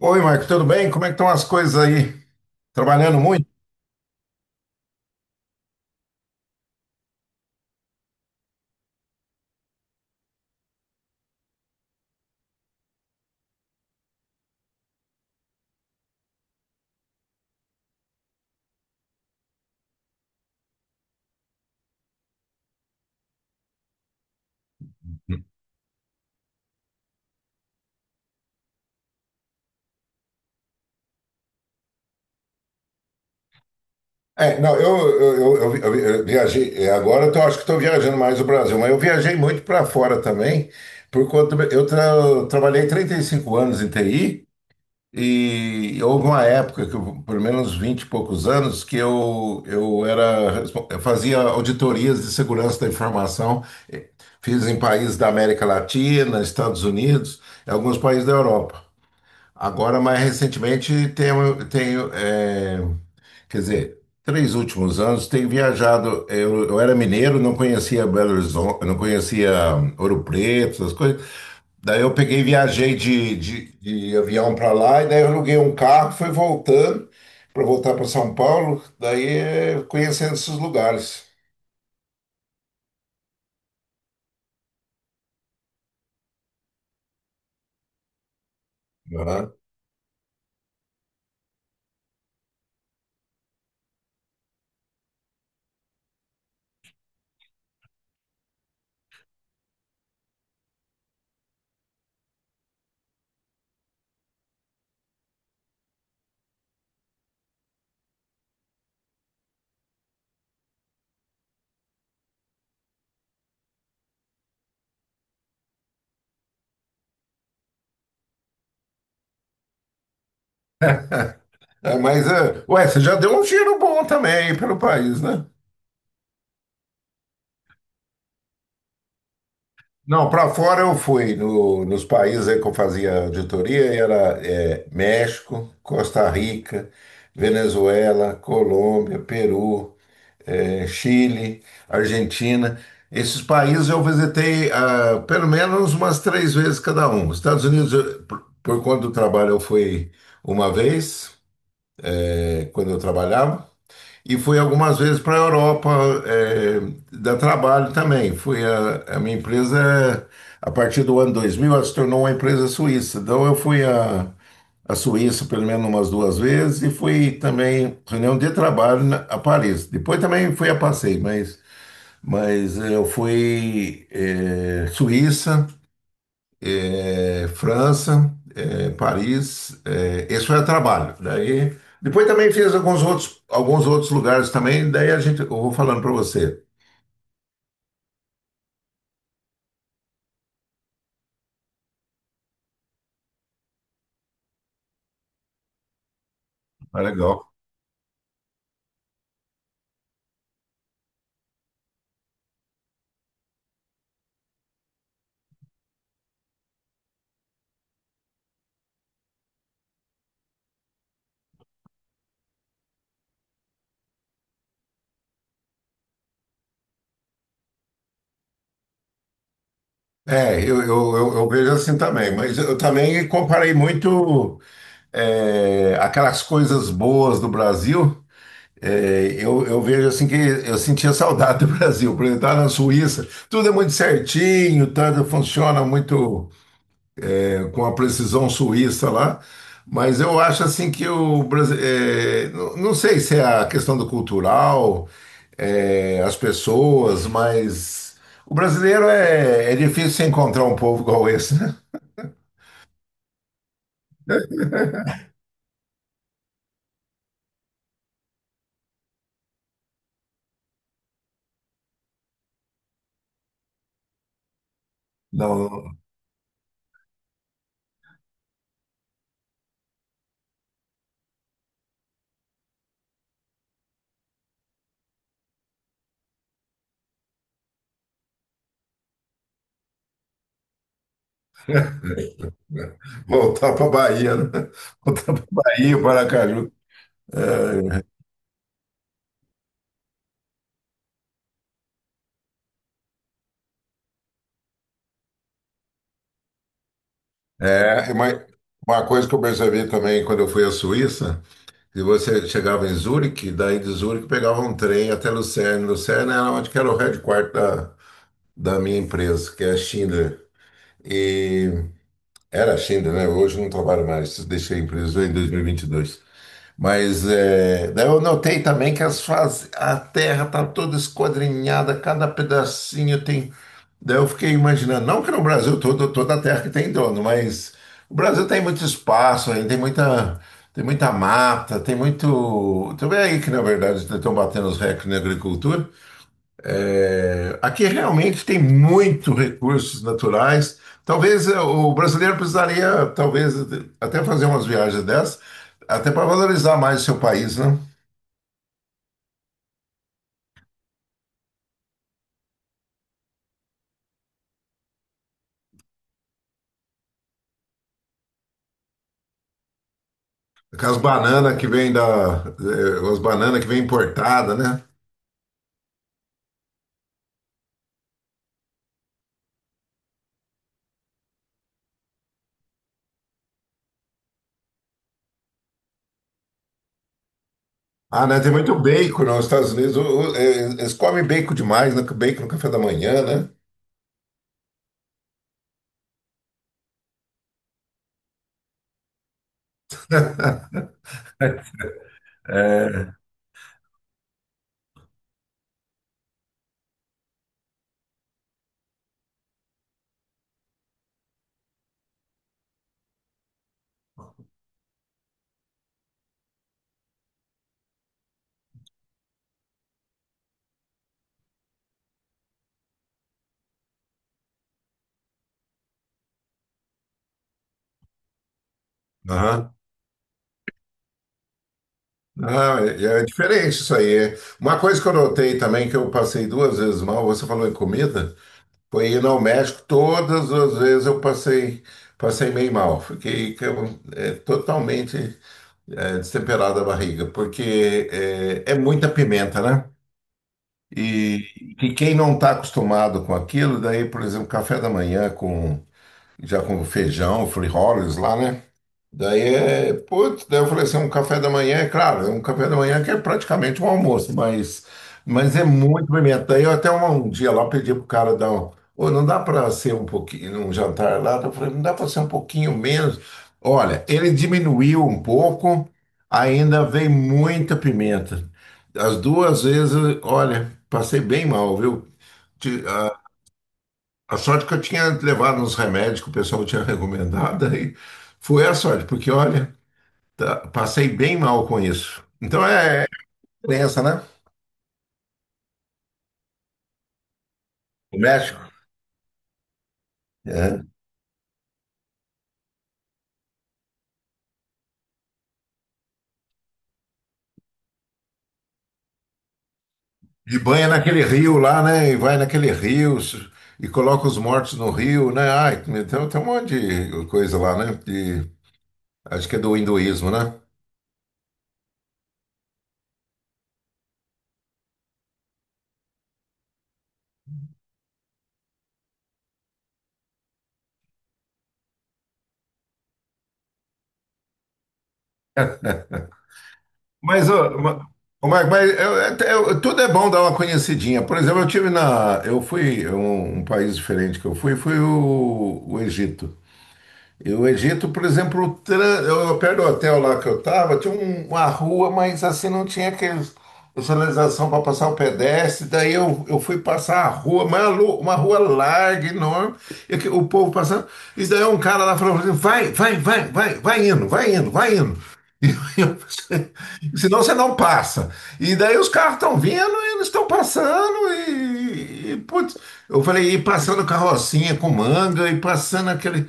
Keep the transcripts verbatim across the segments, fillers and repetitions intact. Oi, Marco, tudo bem? Como é que estão as coisas aí? Trabalhando muito? É, não, eu, eu, eu, eu- eu viajei, é, agora eu tô- acho que estou viajando mais o Brasil, mas eu viajei muito para fora também, por conta, eu tra- trabalhei trinta e cinco anos em T I e houve uma época, que eu, pelo menos vinte e poucos anos, que eu, eu era, respon- eu fazia auditorias de segurança da informação, eh, fiz em países da América Latina, Estados Unidos, e alguns países da Europa. Agora, mais recentemente, tenho, tenho é, quer dizer, três últimos anos, tenho viajado. Eu, eu era mineiro, não conhecia Belo Horizonte, não conhecia hum, Ouro Preto, essas coisas. Daí eu peguei, viajei de, de, de avião para lá, e daí eu aluguei um carro, fui voltando para voltar para São Paulo, daí é, conhecendo esses lugares. Aham. É, mas, é, ué, você já deu um giro bom também aí pelo país, né? Não, para fora eu fui no- nos países aí que eu fazia auditoria, era é, México, Costa Rica, Venezuela, Colômbia, Peru, é, Chile, Argentina. Esses países eu visitei ah, pelo menos umas três vezes cada um. Estados Unidos, eu- por, por conta do trabalho, eu fui uma vez, é, quando eu trabalhava. E fui algumas vezes para a Europa, é, dar trabalho também. Fui a, a minha empresa, é, a partir do ano dois mil, ela se tornou uma empresa suíça. Então eu fui a, a Suíça pelo menos umas duas vezes e fui também reunião de trabalho na- a Paris. Depois também fui a passeio, mas, mas eu fui eh, Suíça, é, França, é, Paris, é, esse foi a trabalho. Daí, depois também fiz alguns outros, alguns outros lugares também, daí a gente, eu vou falando para você. Ah, legal. É, eu, eu, eu, eu vejo assim também, mas eu também comparei muito é, aquelas coisas boas do Brasil. É, eu, eu vejo assim que eu sentia saudade do Brasil, por exemplo, estar na Suíça, tudo é muito certinho, tudo funciona muito, com a precisão suíça lá, mas eu acho assim que o Brasil, é, não, não sei se é a questão do cultural, é, as pessoas, mas o brasileiro é, é difícil você encontrar um povo igual esse, né? Não, voltar para Bahia, né? Voltar para Bahia, Paracaju. É, é, é, mas uma coisa que eu percebi também quando eu fui à Suíça. E você chegava em Zurique, daí de Zurique pegava um trem até Lucerne. Lucerne era onde que era o headquarter da, da minha empresa, que é a Schindler. E era a Schindler, né? Hoje eu não trabalho mais, deixei a empresa em dois mil e vinte e dois. Mas é, daí eu notei também que as faz, a terra está toda esquadrinhada, cada pedacinho tem. Daí eu fiquei imaginando, não que no Brasil todo, toda a terra que tem dono, mas o Brasil tem muito espaço, aí tem muita, tem muita mata, tem muito. Tu vê aí que, na verdade, estão batendo os recordes na agricultura, é, aqui realmente tem muito recursos naturais. Talvez eh, o brasileiro precisaria, talvez, até fazer umas viagens dessas, até para valorizar mais o seu país, né? Aquelas bananas que vêm da, eh, as bananas que vêm importada, né? Ah, né? Tem muito bacon nos Estados Unidos. O- o- eh, Eles comem bacon demais, né? Bacon no café da manhã, né? É. Aham. Ah, é é diferente isso aí. É, uma coisa que eu notei também, que eu passei duas vezes mal, você falou em comida. Foi ir ao México, todas as vezes eu passei, passei meio mal. Fiquei que eu, é, totalmente é, destemperada a barriga, porque é, é muita pimenta, né? E, e quem não está acostumado com aquilo, daí, por exemplo, café da manhã com já com feijão, frijoles lá, né? Daí é, putz, daí eu falei assim, um café da manhã, é claro, é um café da manhã que é praticamente um almoço, mas, mas é muito pimenta. Daí eu até um, um dia lá pedi pro cara dar um, ô, não dá para ser um pouquinho, um jantar lá, eu falei, não dá para ser um pouquinho menos. Olha, ele diminuiu um pouco, ainda vem muita pimenta. As duas vezes, olha, passei bem mal, viu? Ti- A, a sorte que eu tinha levado uns remédios que o pessoal tinha recomendado, aí foi a sorte, porque olha. Tá, passei bem mal com isso. Então é é diferença, né? O México. É. E banha naquele rio lá, né? E vai naquele rio s- e coloca os mortos no rio, né? Ai, então tem um monte de coisa lá, né? De, acho que é do hinduísmo, né? Mas, ma- ô, Marco, mas eu- eu- eu- tudo é bom dar uma conhecidinha. Por exemplo, eu tive na. Eu fui. Um, um país diferente que eu fui, foi o, o Egito. E o Egito, por exemplo, o tran- eu, perto do hotel lá que eu estava, tinha um- uma rua, mas assim não tinha aqueles, sinalização para passar o pedestre. Daí eu, eu fui passar a rua, mas a lu- uma rua larga, enorme, e que- o povo passando. E daí um cara lá falou assim: vai, vai, vai, vai, vai indo, vai indo, vai indo. E eu pensei, senão você não passa. E daí os carros estão vindo, e eles estão passando, e, e, putz, eu falei, e passando carrocinha com manga, e passando aquele.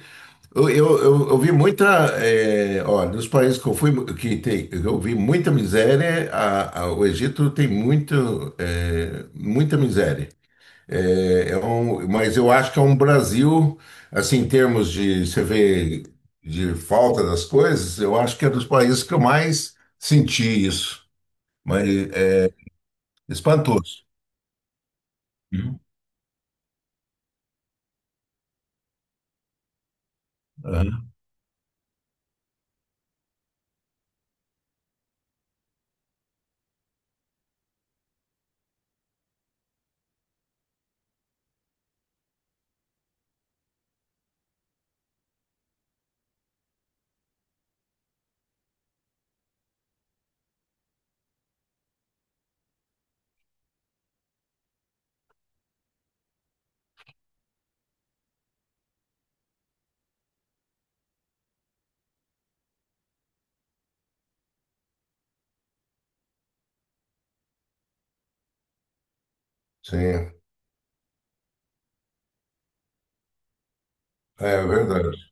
Eu, eu, eu, eu vi muita, eh, ó, nos países que eu fui, que tem, eu vi muita miséria, a- a- o Egito tem muito, eh, muita miséria. Eh, é um- mas eu acho que é um Brasil, assim, em termos de, você vê, de falta das coisas, eu acho que é dos países que eu mais senti isso. Mas é espantoso. Aham. Sim, é verdade.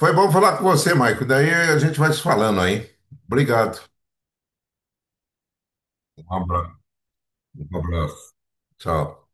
Foi bom falar com você, Maico. Daí a gente vai se falando aí. Obrigado. Um abra- um abraço. Tchau.